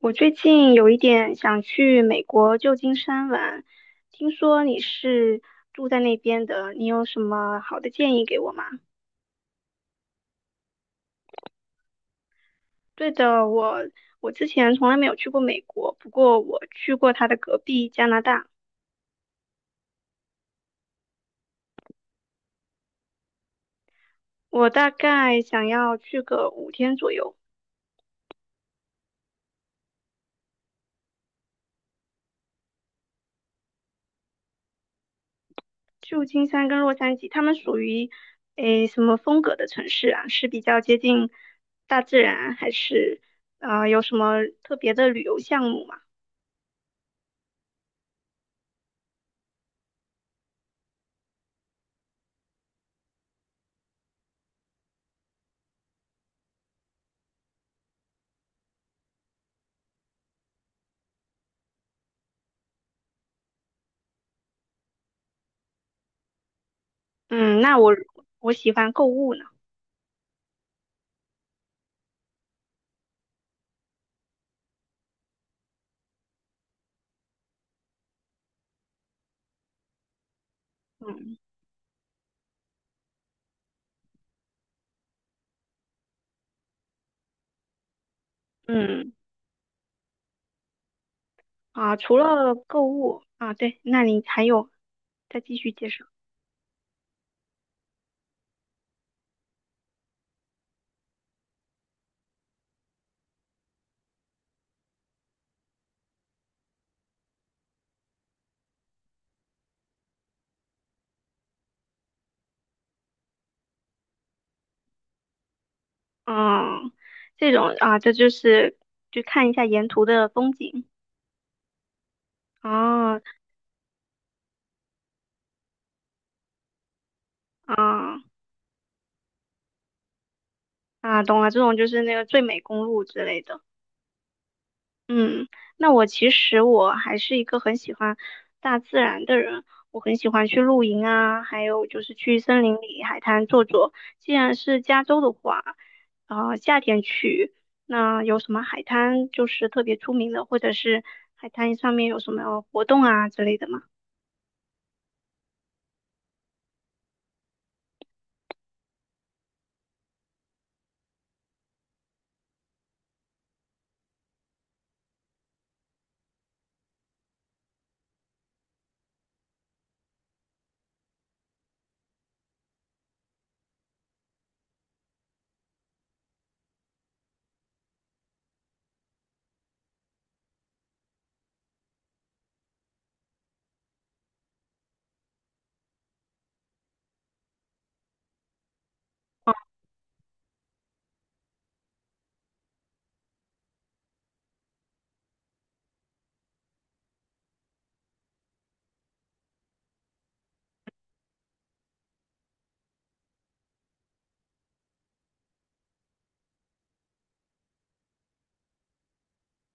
我最近有一点想去美国旧金山玩，听说你是住在那边的，你有什么好的建议给我吗？对的，我之前从来没有去过美国，不过我去过它的隔壁加拿大，我大概想要去个5天左右。旧金山跟洛杉矶，它们属于诶什么风格的城市啊？是比较接近大自然，还是啊有什么特别的旅游项目吗？嗯，那我喜欢购物呢。嗯嗯啊，除了购物啊，对，那你还有再继续介绍。嗯，这种啊，这就是就看一下沿途的风景。哦，啊啊，懂了，这种就是那个最美公路之类的。嗯，那我其实我还是一个很喜欢大自然的人，我很喜欢去露营啊，还有就是去森林里、海滩坐坐。既然是加州的话，啊、夏天去，那有什么海滩就是特别出名的，或者是海滩上面有什么活动啊之类的吗？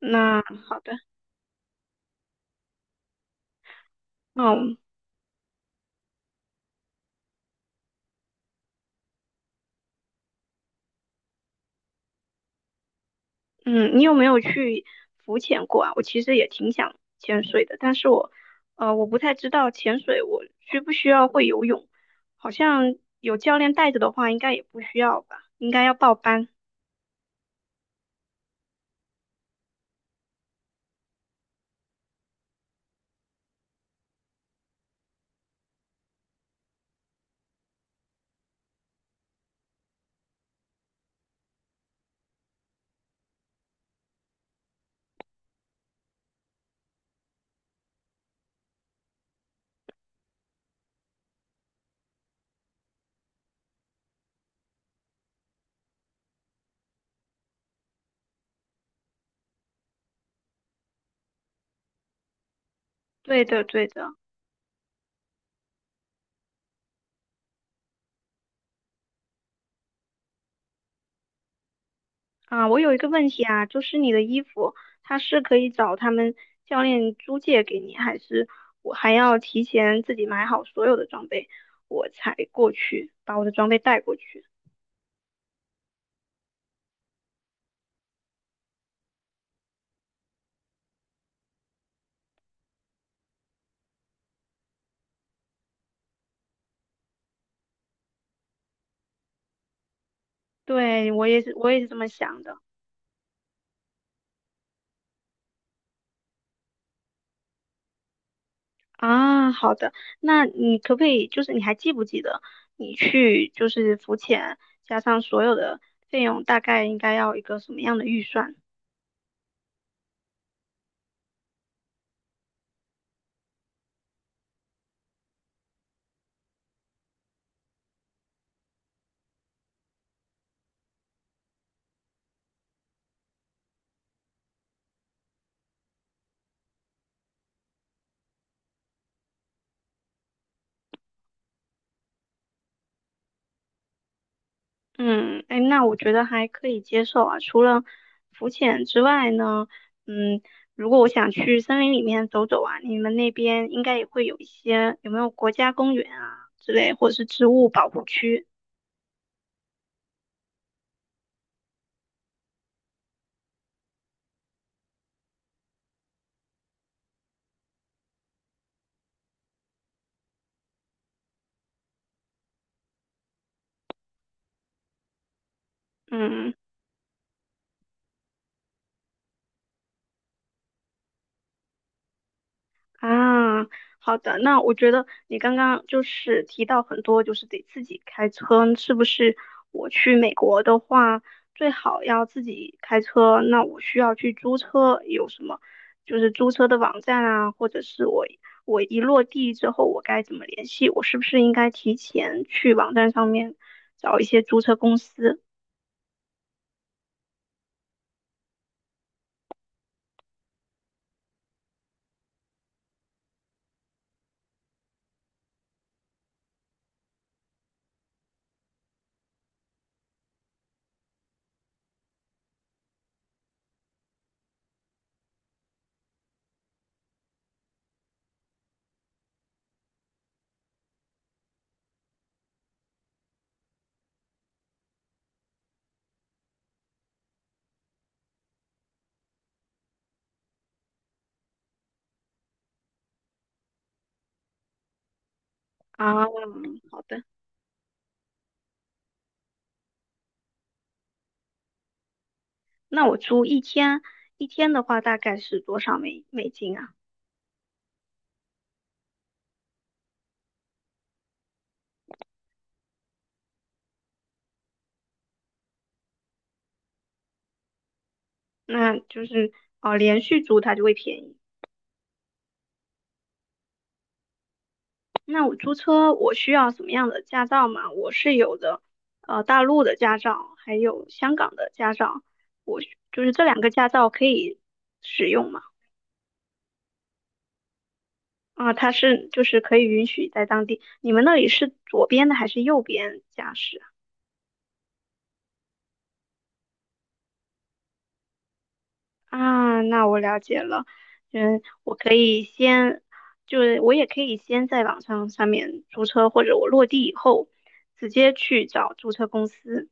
那好的，嗯。嗯，你有没有去浮潜过啊？我其实也挺想潜水的，但是我，我不太知道潜水我需不需要会游泳，好像有教练带着的话，应该也不需要吧，应该要报班。对的，对的。啊，我有一个问题啊，就是你的衣服，它是可以找他们教练租借给你，还是我还要提前自己买好所有的装备，我才过去把我的装备带过去？对，我也是，我也是这么想的。啊，好的，那你可不可以，就是你还记不记得你去就是浮潜加上所有的费用，大概应该要一个什么样的预算？嗯，哎，那我觉得还可以接受啊。除了浮潜之外呢，嗯，如果我想去森林里面走走啊，你们那边应该也会有一些，有没有国家公园啊之类，或者是植物保护区？嗯。啊，好的，那我觉得你刚刚就是提到很多，就是得自己开车，是不是？我去美国的话，最好要自己开车，那我需要去租车，有什么就是租车的网站啊，或者是我一落地之后，我该怎么联系？我是不是应该提前去网站上面找一些租车公司啊？好的，那我租一天，一天的话大概是多少美金啊？那就是连续租它就会便宜。那我租车我需要什么样的驾照嘛？我是有的，大陆的驾照，还有香港的驾照，就是这两个驾照可以使用嘛？啊、它是就是可以允许在当地。你们那里是左边的还是右边驾驶啊？啊那我了解了，嗯，我可以先。就是我也可以先在网上上面租车，或者我落地以后直接去找租车公司。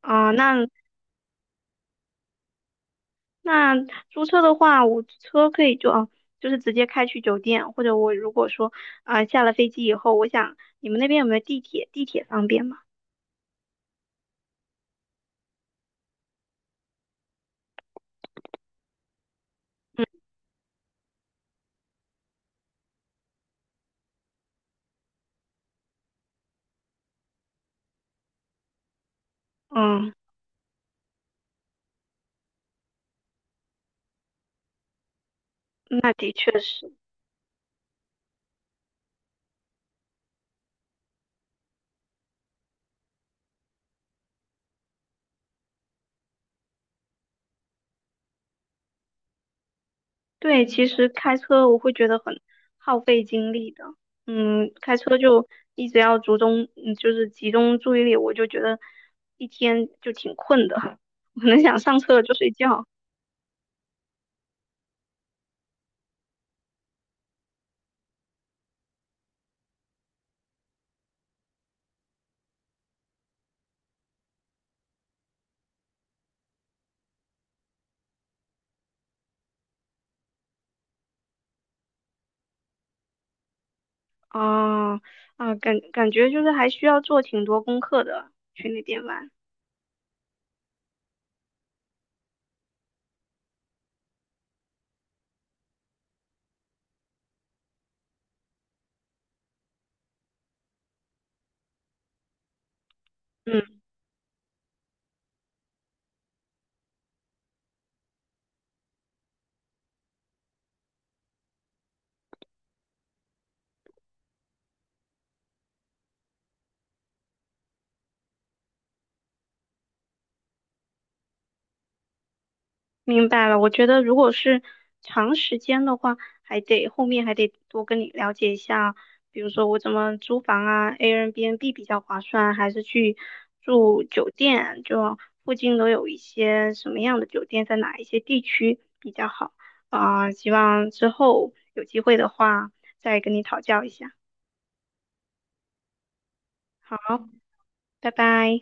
啊，那租车的话，我车可以就啊，就是直接开去酒店，或者我如果说啊下了飞机以后，我想你们那边有没有地铁？地铁方便吗？嗯，那的确是，对，其实开车我会觉得很耗费精力的，嗯，开车就一直要集中，嗯，就是集中注意力，我就觉得一天就挺困的，我能想上车了就睡觉。哦，啊，感觉就是还需要做挺多功课的，去那边玩。嗯，明白了。我觉得如果是长时间的话，还得后面还得多跟你了解一下，比如说我怎么租房啊，Airbnb 比较划算，还是去住酒店，就附近都有一些什么样的酒店，在哪一些地区比较好啊，希望之后有机会的话再跟你讨教一下。好，拜拜。